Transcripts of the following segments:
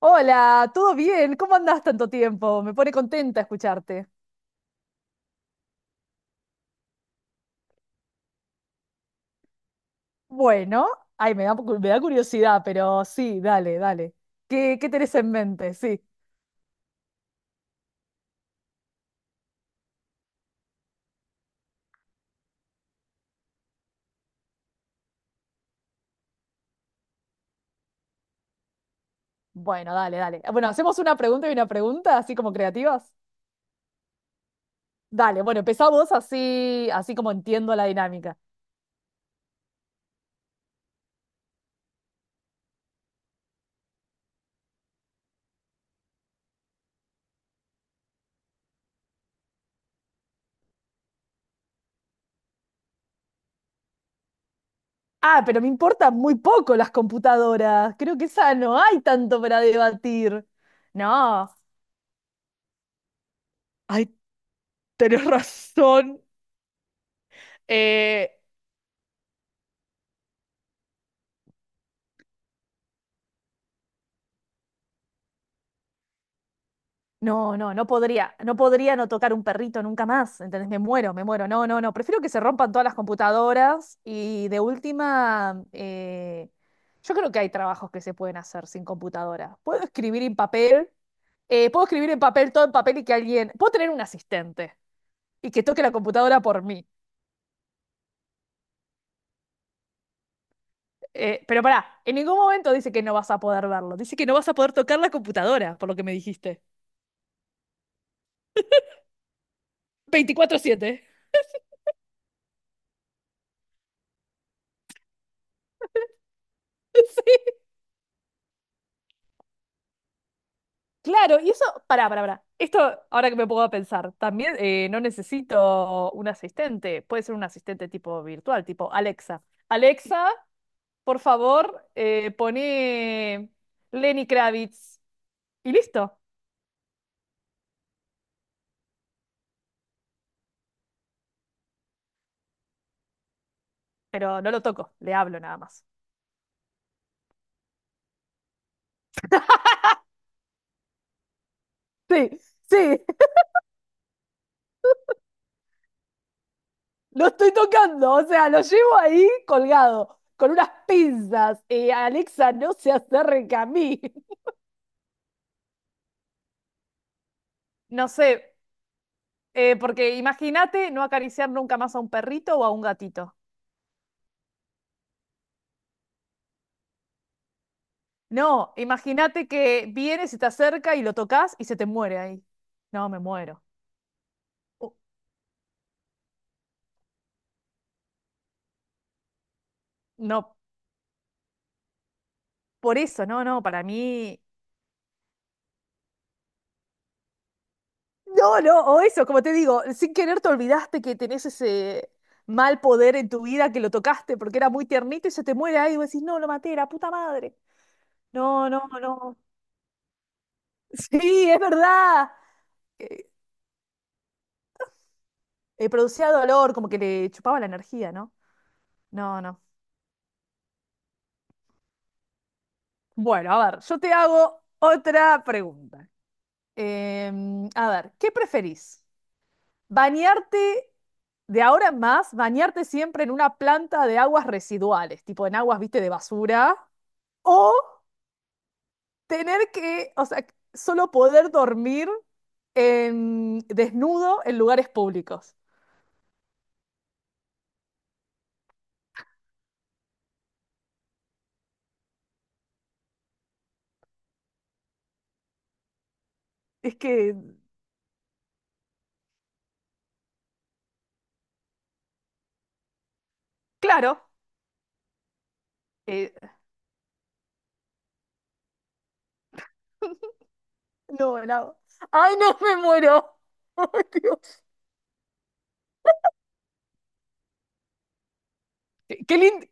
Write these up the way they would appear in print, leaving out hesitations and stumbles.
Hola, ¿todo bien? ¿Cómo andás tanto tiempo? Me pone contenta escucharte. Bueno, ay, me da curiosidad, pero sí, dale, dale. ¿Qué tenés en mente? Sí. Bueno, dale, dale. Bueno, hacemos una pregunta y una pregunta, así como creativas. Dale, bueno, empezamos así, así como entiendo la dinámica. Ah, pero me importan muy poco las computadoras. Creo que esa no hay tanto para debatir. No. Ay, tenés razón. Eh, No, no, no podría no tocar un perrito nunca más, ¿entendés? Me muero, me muero. No, no, no, prefiero que se rompan todas las computadoras y de última, yo creo que hay trabajos que se pueden hacer sin computadora. Puedo escribir en papel, puedo escribir en papel, todo en papel y que alguien, puedo tener un asistente y que toque la computadora por mí. Pero pará, en ningún momento dice que no vas a poder verlo, dice que no vas a poder tocar la computadora, por lo que me dijiste. 24/7. Claro, y eso, pará, pará, pará. Esto, ahora que me puedo pensar, también no necesito un asistente. Puede ser un asistente tipo virtual, tipo Alexa. Alexa, por favor, pone Lenny Kravitz. Y listo. Pero no lo toco, le hablo nada más. Sí, sí, lo estoy tocando, o sea, lo llevo ahí colgado, con unas pinzas. Alexa, no se acerca a mí. No sé, porque imagínate no acariciar nunca más a un perrito o a un gatito. No, imagínate que vienes y te acerca y lo tocas y se te muere ahí. No, me muero. Uh, no, por eso, no, no, para mí. No, no, o eso, como te digo, sin querer te olvidaste que tenés ese mal poder en tu vida que lo tocaste porque era muy tiernito y se te muere ahí y vos decís, no, lo maté, la puta madre. No, no, no. Sí, es verdad. Eh, Producía dolor, como que le chupaba la energía, ¿no? No, no. Bueno, a ver, yo te hago otra pregunta. A ver, ¿qué preferís? ¿Bañarte de ahora en más, bañarte siempre en una planta de aguas residuales, tipo en aguas, viste, de basura? ¿O tener que, o sea, solo poder dormir desnudo en lugares públicos? Es que, claro, eh, no, no. ¡Ay, no, me muero! ¡Ay, Dios! ¡Qué, lindo!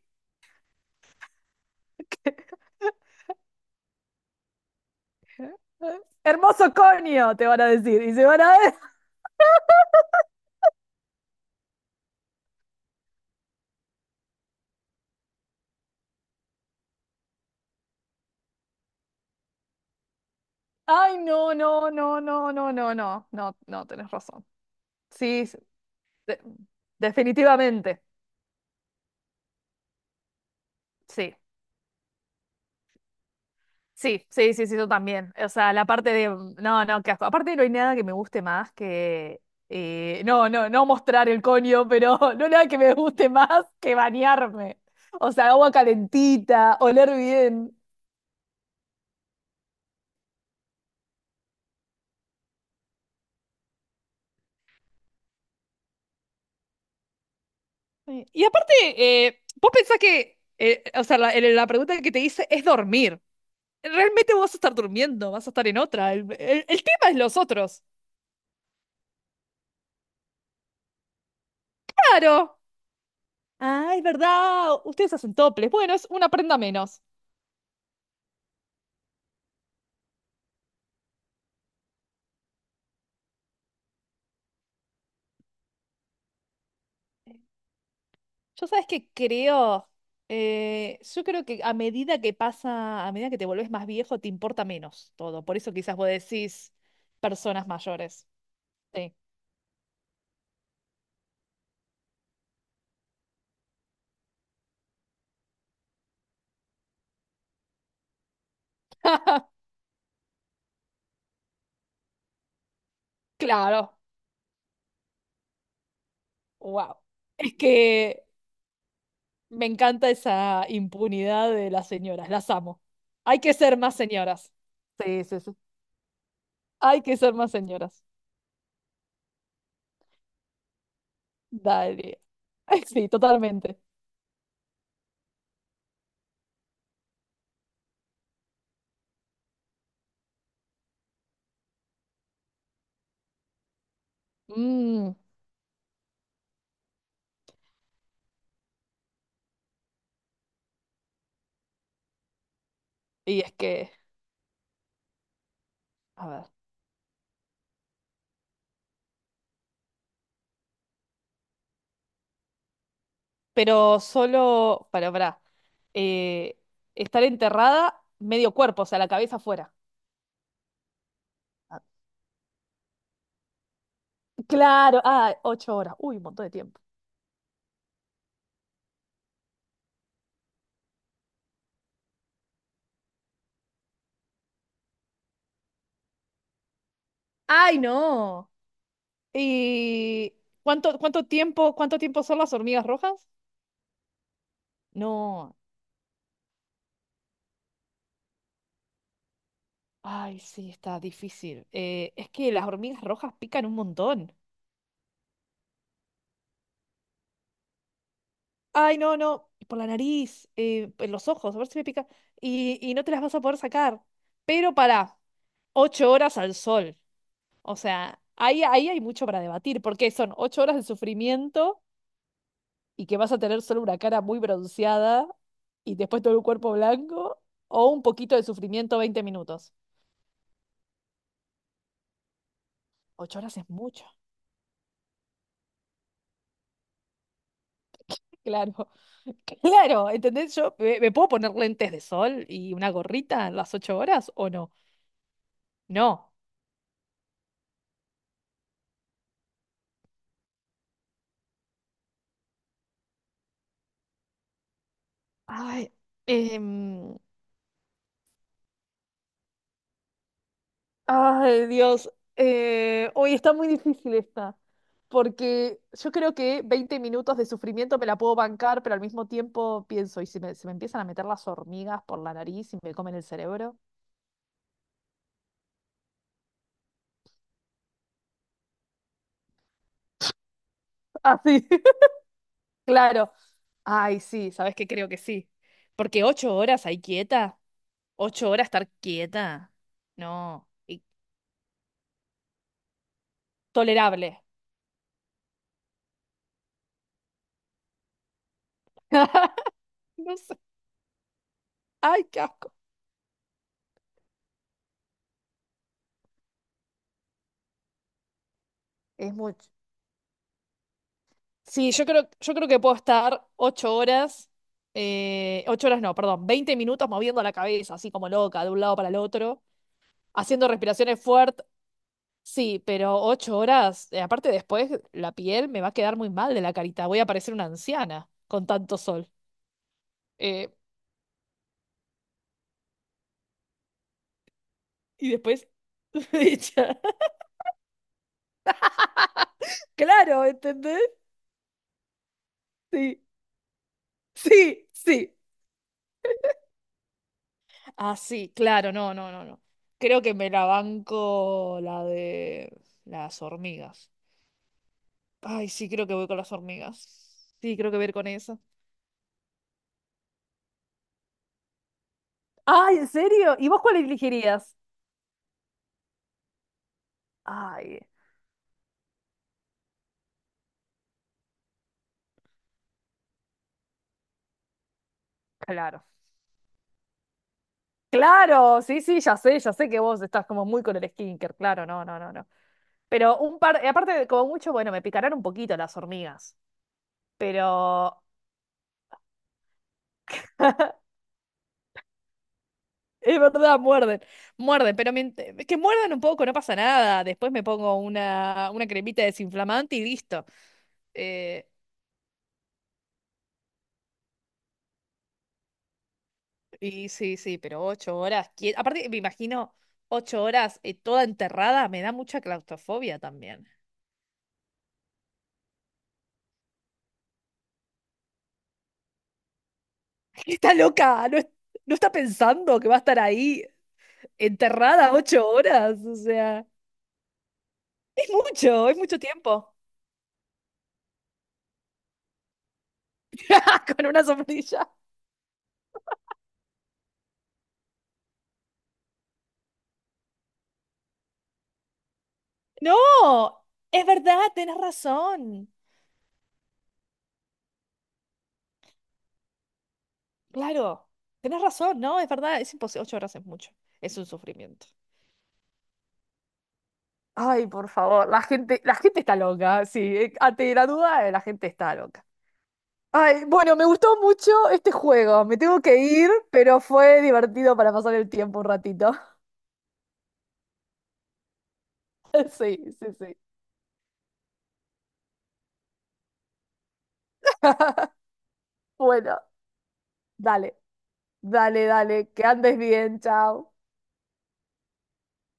Hermoso coño, te van a decir. Y se van a Ay, no, no, no, no, no, no, no, no, no, tenés razón. Sí, sí, de- definitivamente. Sí, sí, sí, sí, sí, yo también. O sea, la parte de, no, no, qué asco. Aparte no hay nada que me guste más que, no, no, no mostrar el coño, pero no hay nada que me guste más que bañarme. O sea, agua calentita, oler bien. Sí. Y aparte, vos pensás que, o sea, la pregunta que te hice es dormir. Realmente vos vas a estar durmiendo, vas a estar en otra. El tema es los otros. Claro. Ah, es verdad. Ustedes hacen toples. Bueno, es una prenda menos. Yo sabes que creo, yo creo que a medida que pasa, a medida que te volvés más viejo, te importa menos todo. Por eso quizás vos decís personas mayores. Sí. Claro. Wow. Es que me encanta esa impunidad de las señoras. Las amo. Hay que ser más señoras. Sí, sí, sí. Hay que ser más señoras. Dale. Ay, sí, totalmente. Mm, y es que, a ver. Pero solo, para, eh, estar enterrada medio cuerpo, o sea, la cabeza afuera. Ah, claro, ah, 8 horas. Uy, un montón de tiempo. ¡Ay, no! ¿Y cuánto tiempo son las hormigas rojas? No. Ay, sí, está difícil. Es que las hormigas rojas pican un montón. Ay, no, no, por la nariz, en los ojos, a ver si me pica. Y no te las vas a poder sacar. Pero pará, 8 horas al sol. O sea, ahí hay mucho para debatir, porque son 8 horas de sufrimiento y que vas a tener solo una cara muy bronceada y después todo el cuerpo blanco, o un poquito de sufrimiento 20 minutos. 8 horas es mucho, claro. Claro, ¿entendés? Yo me puedo poner lentes de sol y una gorrita en las 8 horas o no. No. Ay, em, ay, Dios. Hoy está muy difícil esta, porque yo creo que 20 minutos de sufrimiento me la puedo bancar, pero al mismo tiempo pienso, ¿y si me, se me empiezan a meter las hormigas por la nariz y me comen el cerebro? Ah, sí, claro. Ay, sí, ¿sabes qué? Creo que sí. Porque 8 horas ahí quieta, 8 horas estar quieta, no, y tolerable. No sé. Ay, qué asco. Es mucho. Sí, yo creo que puedo estar 8 horas, 8 horas no, perdón, 20 minutos moviendo la cabeza, así como loca, de un lado para el otro, haciendo respiraciones fuertes. Sí, pero 8 horas, aparte después la piel me va a quedar muy mal de la carita, voy a parecer una anciana con tanto sol. Eh, y después, ya. Claro, ¿entendés? Sí, sí, sí. Ah, sí, claro, no, no, no, no. Creo que me la banco la de las hormigas. Ay, sí, creo que voy con las hormigas. Sí, creo que voy a ir con eso. Ay, ¿en serio? ¿Y vos cuál elegirías? Ay, claro, claro, sí, sí, ya sé que vos estás como muy con el skinker, claro, no, no, no, no. Pero un par, y aparte, de como mucho, bueno, me picarán un poquito las hormigas, pero es verdad, muerden, muerden, pero que muerdan un poco, no pasa nada. Después me pongo una cremita desinflamante y listo. Eh, Y sí, sí, pero ocho horas. Aparte, me imagino 8 horas toda enterrada, me da mucha claustrofobia también. Está loca, no, no está pensando que va a estar ahí enterrada 8 horas. O sea, es mucho tiempo. Con una sombrilla. No, es verdad, tenés razón. Claro, tenés razón, no, es verdad, es imposible. 8 horas es mucho, es un sufrimiento. Ay, por favor, la gente está loca, sí, ante la duda, la gente está loca. Ay, bueno, me gustó mucho este juego. Me tengo que ir, pero fue divertido para pasar el tiempo un ratito. Sí, sí, sí. Bueno, dale, dale, dale. Que andes bien, chao.